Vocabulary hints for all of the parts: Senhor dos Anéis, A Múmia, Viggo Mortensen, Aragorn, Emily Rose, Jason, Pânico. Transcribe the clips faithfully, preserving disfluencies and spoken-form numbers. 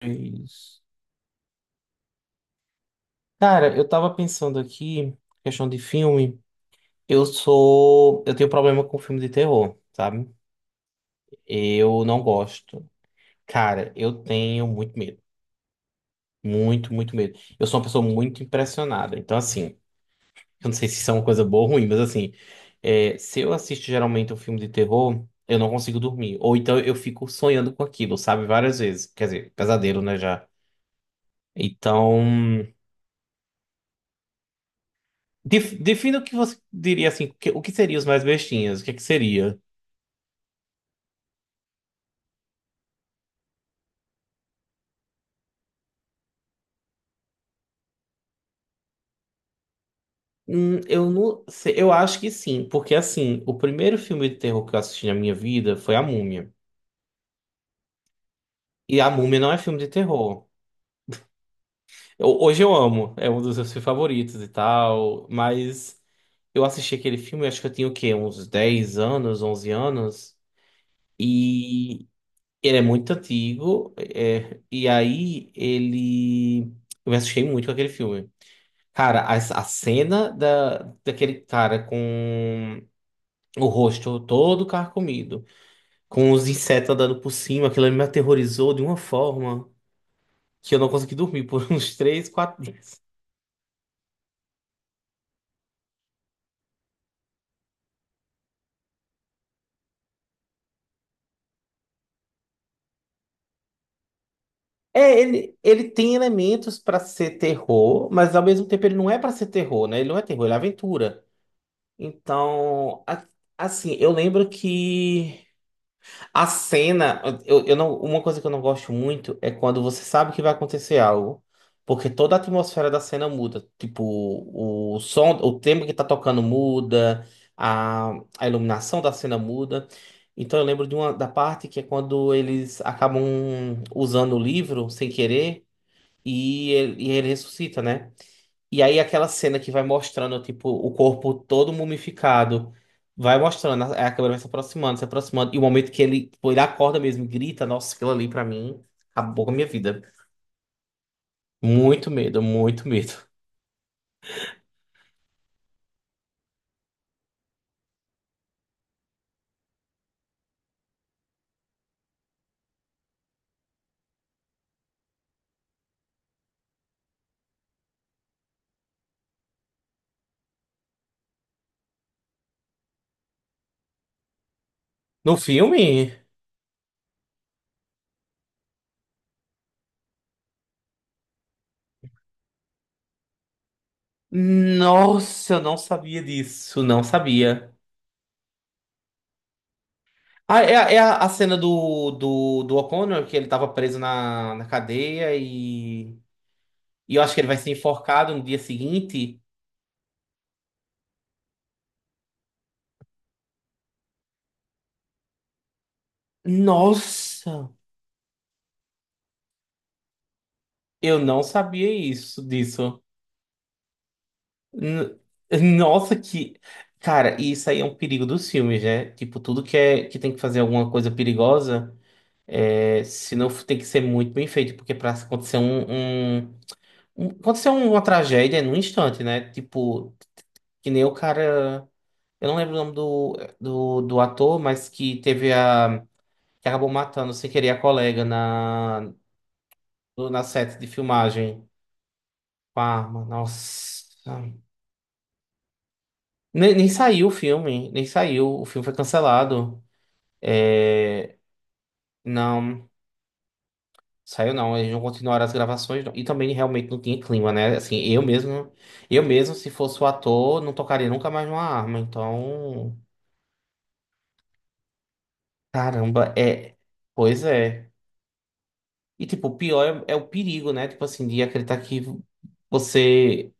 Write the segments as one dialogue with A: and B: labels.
A: Isso. Cara, eu tava pensando aqui, questão de filme, eu sou, eu tenho problema com filme de terror, sabe? Eu não gosto. Cara, eu tenho muito medo, muito, muito medo. Eu sou uma pessoa muito impressionada, então assim, eu não sei se isso é uma coisa boa ou ruim, mas assim, é, se eu assisto geralmente um filme de terror, eu não consigo dormir, ou então eu fico sonhando com aquilo, sabe? Várias vezes, quer dizer, pesadelo, né, já. Então, Def- defina o que você diria assim, o que, o que seria os mais bestinhas? O que é que seria? Hum, eu não sei, eu acho que sim, porque assim, o primeiro filme de terror que eu assisti na minha vida foi A Múmia. E A Múmia não é filme de terror. Eu- hoje eu amo, é um dos meus filmes favoritos e tal, mas eu assisti aquele filme, acho que eu tinha o quê? Uns dez anos, onze anos, e ele é muito antigo, é, e aí ele. Eu me assustei muito com aquele filme. Cara, a, a cena da, daquele cara com o rosto todo carcomido, com os insetos andando por cima, aquilo ali me aterrorizou de uma forma que eu não consegui dormir por uns três, quatro dias. É, ele, ele tem elementos pra ser terror, mas ao mesmo tempo ele não é pra ser terror, né? Ele não é terror, ele é aventura. Então, a- assim, eu lembro que. A cena, eu, eu não, uma coisa que eu não gosto muito é quando você sabe que vai acontecer algo, porque toda a atmosfera da cena muda. Tipo, o som, o tema que tá tocando muda, a, a iluminação da cena muda. Então eu lembro de uma da parte que é quando eles acabam usando o livro sem querer e ele, e ele ressuscita, né? E aí aquela cena que vai mostrando, tipo, o corpo todo mumificado. Vai mostrando, a a câmera vai se aproximando, se aproximando. E o momento que ele, tipo, ele acorda mesmo, e grita, nossa, aquilo ali pra mim acabou com a minha vida. Muito medo, muito medo. No filme? Nossa, eu não sabia disso, não sabia. Ah, é, a- é a a cena do, do, do O'Connor, que ele tava preso na, na cadeia e, e eu acho que ele vai ser enforcado no dia seguinte. Nossa! Eu não sabia isso, disso. N- Nossa, que. Cara, e isso aí é um perigo dos filmes, né? Tipo, tudo que, é, que tem que fazer alguma coisa perigosa, é, se não tem que ser muito bem feito, porque pra acontecer um, um, um- acontecer uma tragédia é num instante, né? Tipo, que nem o cara. Eu não lembro o nome do, do, do ator, mas que teve a. Que acabou matando sem querer a colega na, no- na set de filmagem com a arma. Nossa. Nem, nem saiu o filme, nem saiu. O filme foi cancelado. É, não, saiu não. Eles não continuaram as gravações. Não. E também realmente não tinha clima, né? Assim, eu mesmo, eu mesmo, se fosse o ator, não tocaria nunca mais numa arma. Então, caramba, é. Pois é. E tipo, o pior é, é o perigo, né? Tipo assim, de acreditar que você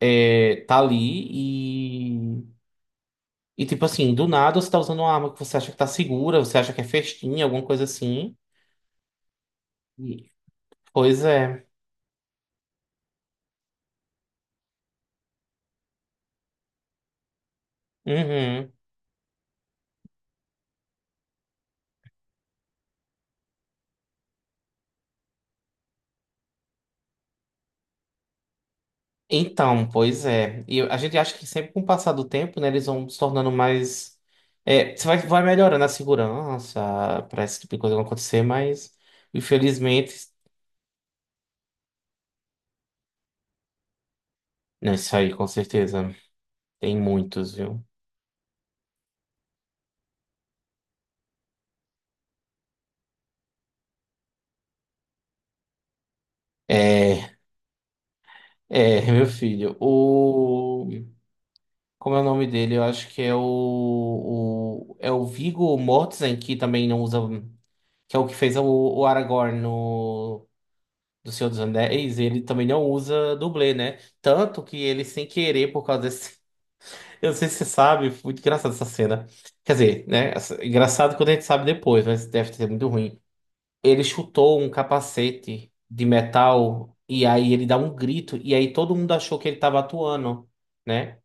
A: é, tá ali e. E tipo assim, do nada você tá usando uma arma que você acha que tá segura, você acha que é festinha, alguma coisa assim. Pois é. Uhum. Então, pois é. E eu- a gente acha que sempre com o passar do tempo, né, eles vão se tornando mais. É, você vai, vai melhorando a segurança para esse tipo de coisa não acontecer, mas infelizmente. Não, isso aí, com certeza. Tem muitos, viu? É, é, meu filho. O. Como é o nome dele? Eu acho que é o. O- é o Viggo Mortensen, que também não usa. Que é o que fez o, o Aragorn do Senhor dos Anéis, ele também não usa dublê, né? Tanto que ele, sem querer, por causa desse. Eu não sei se você sabe, foi muito engraçada essa cena. Quer dizer, né? essa- Engraçado quando a gente sabe depois, mas deve ser muito ruim. Ele chutou um capacete de metal e aí ele dá um grito, e aí todo mundo achou que ele estava atuando, né?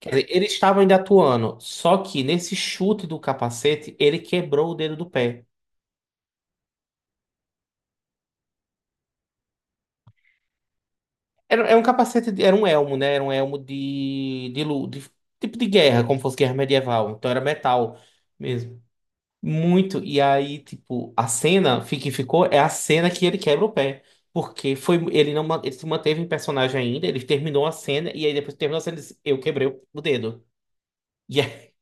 A: Quer dizer, ele estava ainda atuando, só que nesse chute do capacete, ele quebrou o dedo do pé. Era, era um capacete, de- era um elmo, né? Era um elmo de, de, lu- de tipo de guerra, como fosse guerra medieval. Então era metal mesmo. Muito. E aí, tipo, a cena fi- que ficou é a cena que ele quebra o pé. Porque foi, ele não, ma- ele se manteve em personagem ainda, ele terminou a cena, e aí depois que terminou a cena, ele disse, eu quebrei o o dedo. E é-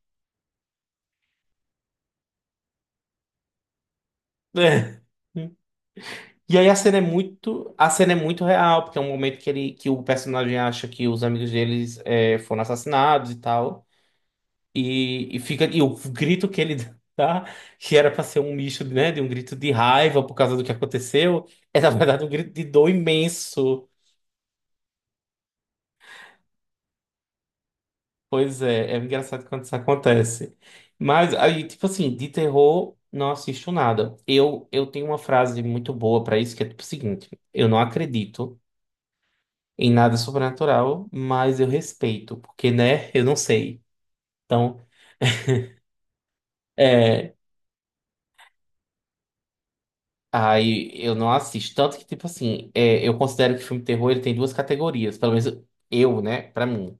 A: E aí a cena é muito, a cena é muito real, porque é um momento que ele, que o personagem acha que os amigos deles eh, foram assassinados e tal. E, e fica e o grito que ele dá, que era para ser um misto, né, de um grito de raiva por causa do que aconteceu, é na verdade um grito de dor imenso. Pois é, é engraçado quando isso acontece. Mas aí, tipo assim, de terror não assisto nada. Eu eu tenho uma frase muito boa para isso que é tipo o seguinte: eu não acredito em nada sobrenatural, mas eu respeito, porque né, eu não sei. Então, é, aí eu não assisto. Tanto que, tipo assim, é, eu considero que filme de terror ele tem duas categorias, pelo menos eu, né, pra mim.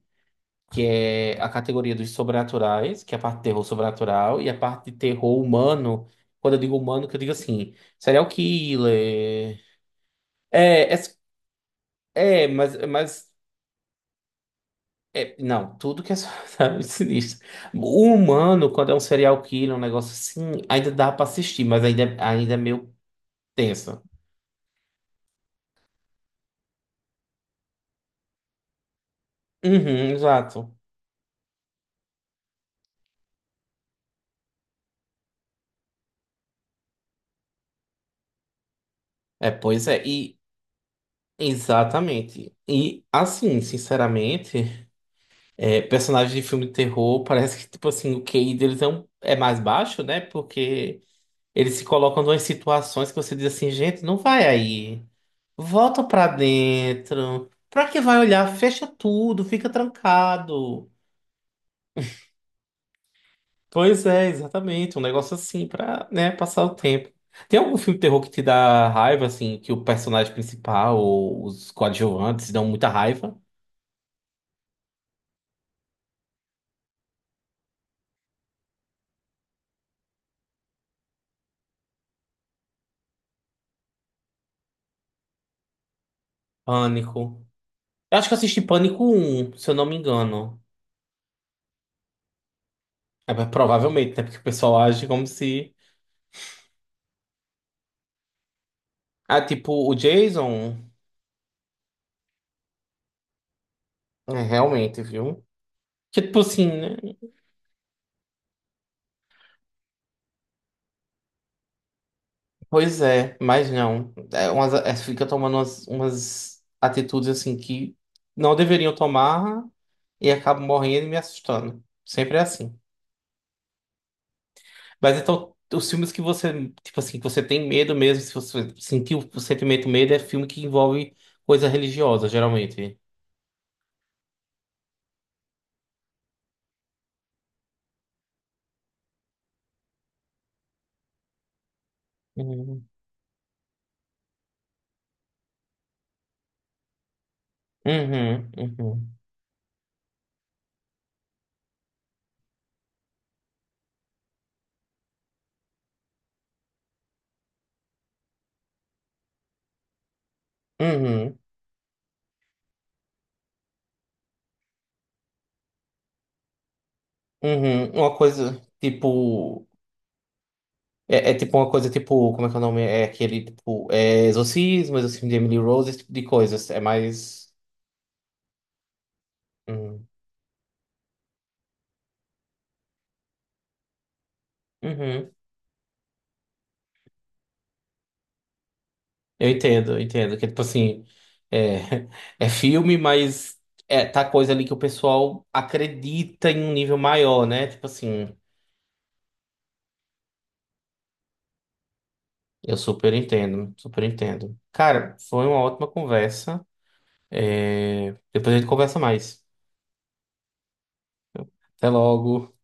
A: Que é a categoria dos sobrenaturais, que é a parte de terror sobrenatural, e a parte de terror humano. Quando eu digo humano, que eu digo assim, serial killer. É, é, é, mas, mas é, não, tudo que é so- sabe, sinistro. O humano, quando é um serial killer, um negócio assim, ainda dá pra assistir, mas ainda, é, ainda é meio tenso. Uhum, exato. É, pois é. E, exatamente. E assim, sinceramente, é, personagens de filme de terror parece que, tipo assim, o Q I deles é, um- é mais baixo, né? Porque eles se colocam em situações que você diz assim, gente, não vai aí. Volta pra dentro. Pra que vai olhar? Fecha tudo, fica trancado. Pois é, exatamente. Um negócio assim pra, né, passar o tempo. Tem algum filme de terror que te dá raiva, assim, que o personagem principal ou os coadjuvantes dão muita raiva? Pânico. Eu acho que eu assisti Pânico um, se eu não me engano. É, mas provavelmente, né? Porque o pessoal age como se. Ah, tipo, o Jason. É, realmente, viu? Que tipo assim, né? Pois é, mas não. É umas, é, fica tomando umas, umas atitudes assim que não deveriam tomar e acabo morrendo e me assustando. Sempre é assim. Mas então, os filmes que você, tipo assim, que você tem medo mesmo, se você sentiu o sentimento medo, é filme que envolve coisa religiosa, geralmente. Uhum, uhum, uhum. Uhum, uhum. Uma coisa tipo. É, é tipo uma coisa tipo. Como é que é o nome? É aquele tipo. É exorcismo, exorcismo de Emily Rose, esse tipo de coisas. É mais. Uhum. Uhum. Eu entendo, eu entendo. Que tipo assim. É, é filme, mas é, tá coisa ali que o pessoal acredita em um nível maior, né? Tipo assim. Eu super entendo, super entendo. Cara, foi uma ótima conversa. É, depois a gente conversa mais. Até logo.